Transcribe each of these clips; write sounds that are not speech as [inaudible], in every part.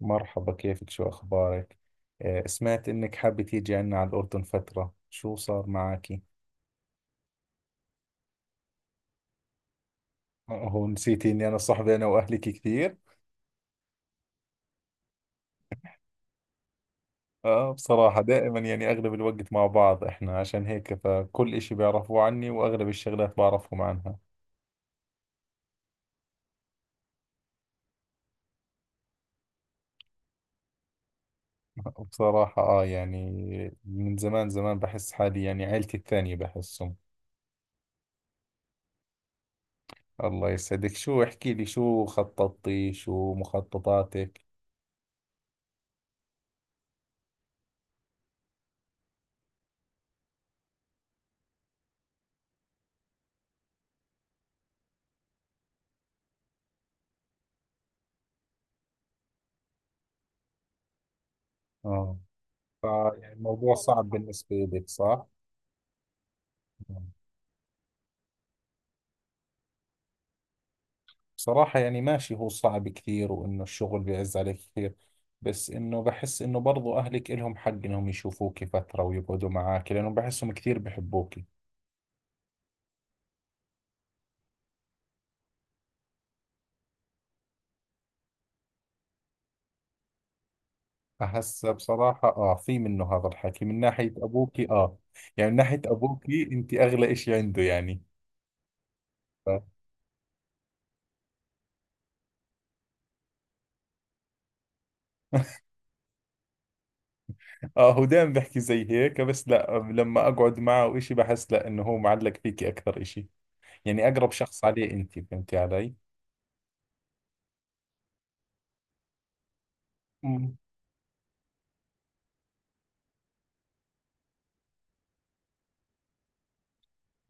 مرحبا، كيفك؟ شو أخبارك؟ آه، سمعت إنك حابة تيجي عنا على الأردن فترة. شو صار معاكي؟ آه، هو نسيتي إني أنا صاحبي أنا وأهلك كثير؟ آه، بصراحة دائما يعني أغلب الوقت مع بعض إحنا، عشان هيك فكل إشي بيعرفوه عني وأغلب الشغلات بعرفهم عنها. [laughs] بصراحة آه يعني، من زمان بحس حالي يعني عيلتي الثانية بحسهم. الله يسعدك. شو احكي لي، شو خططتي؟ شو مخططاتك؟ آه، فيعني الموضوع صعب بالنسبة لك، صح؟ آه. صراحة يعني ماشي، هو صعب كثير وإنه الشغل بيعز عليك كثير، بس إنه بحس إنه برضو أهلك إلهم حق إنهم يشوفوك فترة ويقعدوا معاك، لأنه بحسهم كثير بحبوك. فهسه بصراحة آه في منه هذا الحكي من ناحية أبوك، آه يعني من ناحية أبوك أنت أغلى إشي عنده يعني. ف- آه، هو دائما بحكي زي هيك، بس لا لما أقعد معه وإشي بحس لا إنه هو معلق فيكي أكثر إشي، يعني أقرب شخص عليه أنت، فهمتي علي؟ مم.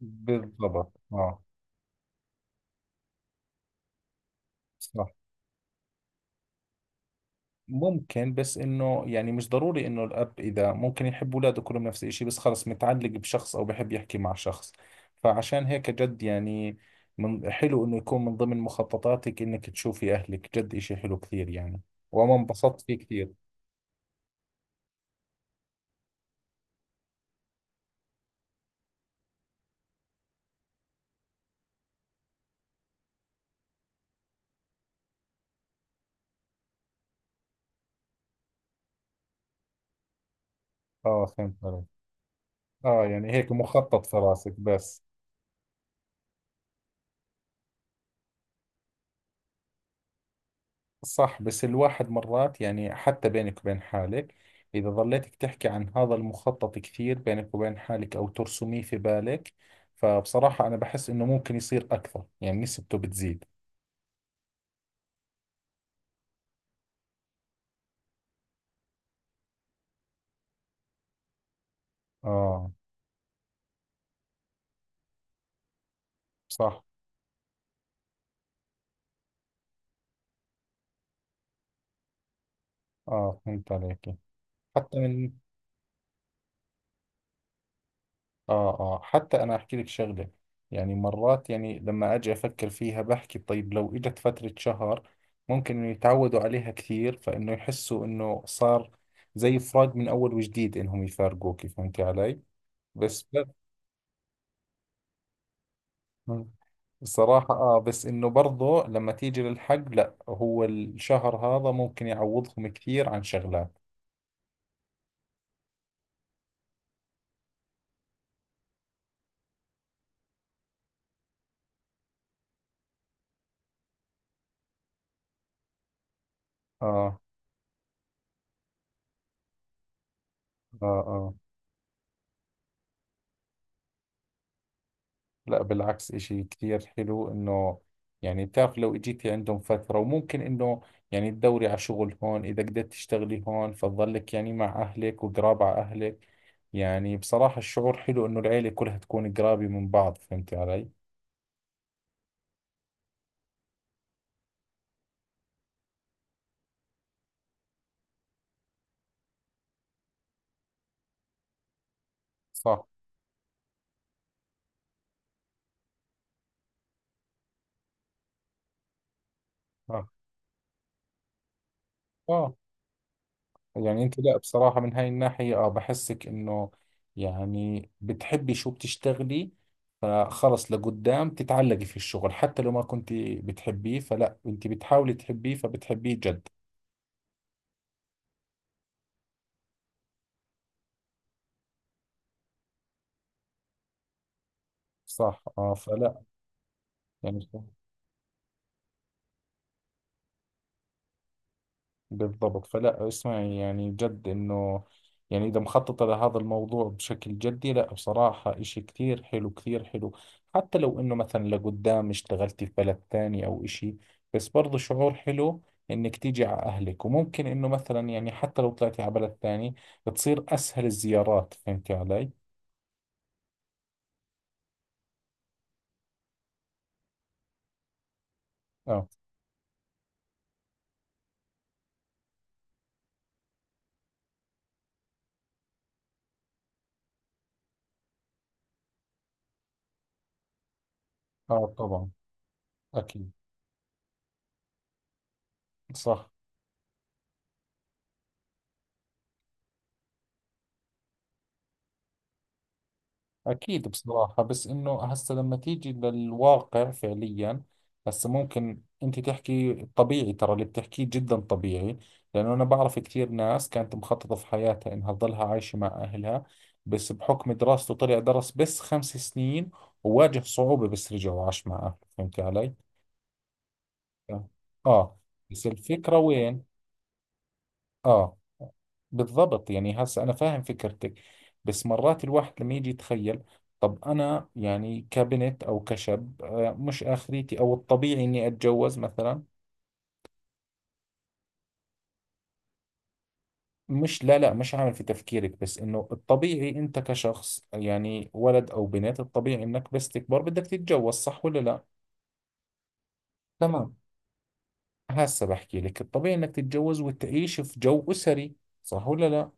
بالضبط. آه، صح. ممكن، بس انه يعني مش ضروري انه الاب، اذا ممكن يحب اولاده كلهم نفس الشيء، بس خلص متعلق بشخص او بحب يحكي مع شخص. فعشان هيك جد يعني، من حلو انه يكون من ضمن مخططاتك انك تشوفي اهلك، جد اشي حلو كثير يعني. وانا انبسطت فيه كثير. اه فهمت عليك. اه يعني هيك مخطط في راسك بس. صح، بس الواحد مرات يعني حتى بينك وبين حالك، إذا ظليتك تحكي عن هذا المخطط كثير بينك وبين حالك أو ترسميه في بالك، فبصراحة أنا بحس إنه ممكن يصير أكثر، يعني نسبته بتزيد. آه. صح. آه، فهمت عليك. حتى من، آه آه، حتى أنا أحكي لك شغلة، يعني مرات يعني لما أجي أفكر فيها بحكي: طيب لو إجت فترة شهر، ممكن إنه يتعودوا عليها كثير، فإنه يحسوا إنه صار زي فراق من أول وجديد إنهم يفارقوك، فهمتي علي؟ بس لا. مم. بصراحة آه، بس إنه برضو لما تيجي للحق لا، هو الشهر هذا ممكن يعوضهم كثير عن شغلات. آه آه آه، لا بالعكس إشي كثير حلو إنه، يعني بتعرف لو إجيتي عندهم فترة وممكن إنه يعني تدوري على شغل هون، إذا قدرت تشتغلي هون فتظلك يعني مع أهلك وقراب على أهلك، يعني بصراحة الشعور حلو إنه العيلة كلها تكون قرابة من بعض، فهمتي علي؟ صح. آه آه. يعني انت لا بصراحة من هاي الناحية، اه بحسك انه يعني بتحبي شو بتشتغلي، فخلص لقدام تتعلقي في الشغل، حتى لو ما كنت بتحبيه فلا انت بتحاولي تحبيه فبتحبيه جد. صح. اه فلا يعني، بالضبط. فلا اسمعي، يعني جد انه يعني اذا مخططة لهذا الموضوع بشكل جدي، لا بصراحة اشي كثير حلو، كثير حلو. حتى لو انه مثلا لقدام اشتغلتي في بلد ثاني او اشي، بس برضو شعور حلو انك تيجي على اهلك، وممكن انه مثلا يعني حتى لو طلعتي على بلد ثاني بتصير اسهل الزيارات، فهمتي علي؟ اه اه، طبعا. اكيد. صح. أكيد بصراحة، بس إنه هسا لما تيجي للواقع فعليا، هسا ممكن أنت تحكي طبيعي، ترى اللي بتحكيه جدا طبيعي، لأنه أنا بعرف كثير ناس كانت مخططة في حياتها إنها تضلها عايشة مع أهلها، بس بحكم دراسته طلع درس بس خمس سنين وواجه صعوبة، بس رجع وعاش مع أهله، فهمت علي؟ آه. بس الفكرة وين؟ اه، بالضبط. يعني هسه أنا فاهم فكرتك، بس مرات الواحد لما يجي يتخيل: طب أنا يعني كبنت أو كشاب آه، مش آخريتي أو الطبيعي إني أتجوز مثلا. مش لا مش عامل في تفكيرك، بس إنه الطبيعي أنت كشخص يعني ولد أو بنت، الطبيعي إنك بس تكبر بدك تتجوز، صح ولا لا؟ تمام. هسه بحكي لك الطبيعي إنك تتجوز وتعيش في جو أسري، صح ولا لا؟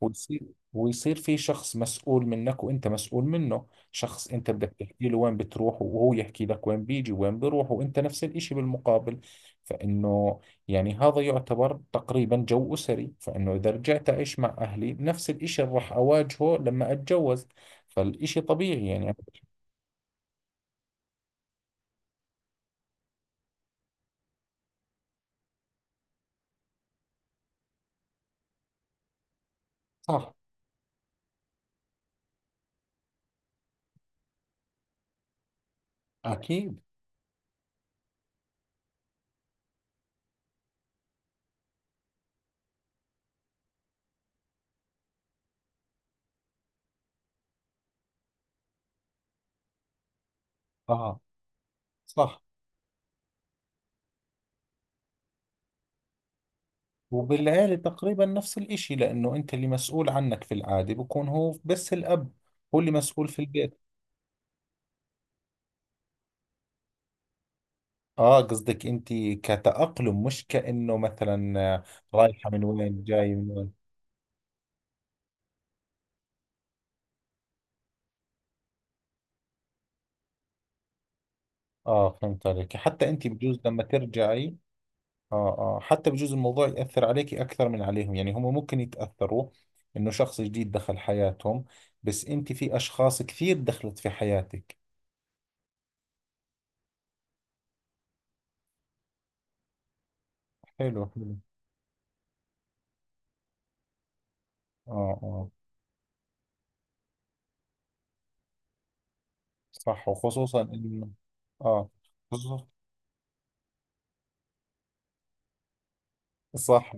ويصير، ويصير في شخص مسؤول منك وانت مسؤول منه، شخص انت بدك تحكي له وين بتروح وهو يحكي لك وين بيجي وين بيروح، وانت نفس الاشي بالمقابل. فانه يعني هذا يعتبر تقريبا جو اسري، فانه اذا رجعت اعيش مع اهلي نفس الاشي اللي راح اواجهه لما اتجوز، فالاشي طبيعي يعني. صح. اكيد. اه صح. وبالعيلة تقريبا نفس الاشي، لانه انت اللي مسؤول عنك في العادة بكون هو بس الاب، هو اللي مسؤول في البيت. اه قصدك انت كتأقلم، مش كأنه مثلا آه، رايحة من وين، جاي من وين. اه فهمت عليك. حتى انت بجوز لما ترجعي، اه اه، حتى بجوز الموضوع يأثر عليكي اكثر من عليهم، يعني هم ممكن يتأثروا انه شخص جديد دخل حياتهم، بس انت في اشخاص كثير دخلت في حياتك. حلو حلو. اه اه، صح. وخصوصا انه، اه خصوص- صح.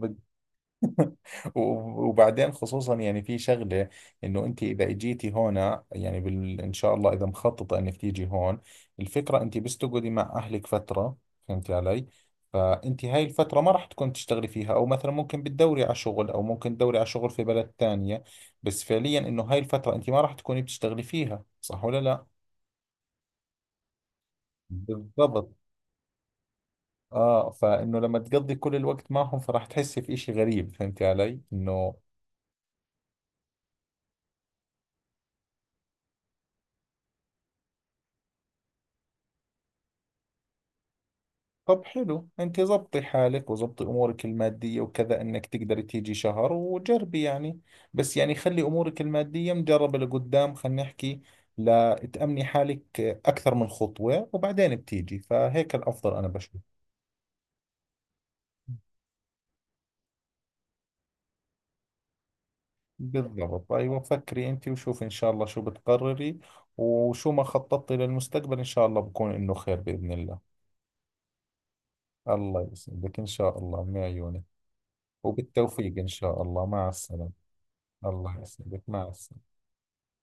و- وبعدين خصوصا يعني في شغلة، انه انت اذا اجيتي هنا يعني ان شاء الله اذا مخططة انك تيجي هون، الفكرة انت بس تقعدي مع اهلك فترة، فهمتي علي؟ فانت هاي الفترة ما راح تكون تشتغلي فيها، او مثلا ممكن بتدوري على شغل او ممكن تدوري على شغل في بلد ثانية، بس فعليا انه هاي الفترة انت ما راح تكوني بتشتغلي فيها، صح ولا لا؟ بالضبط. اه، فانه لما تقضي كل الوقت معهم فراح تحسي في اشي غريب، فهمتي علي انه. طب حلو، انت ضبطي حالك وضبطي امورك الماديه وكذا انك تقدري تيجي شهر وجربي يعني، بس يعني خلي امورك الماديه مجربه لقدام، خلينا نحكي لا تامني حالك اكثر من خطوه وبعدين بتيجي، فهيك الافضل انا بشوف. بالضبط. ايوه فكري انت وشوفي ان شاء الله شو بتقرري، وشو ما خططتي للمستقبل ان شاء الله بكون انه خير باذن الله. الله يسعدك، ان شاء الله من عيونك. وبالتوفيق ان شاء الله، مع السلامه. الله يسعدك، مع السلامه.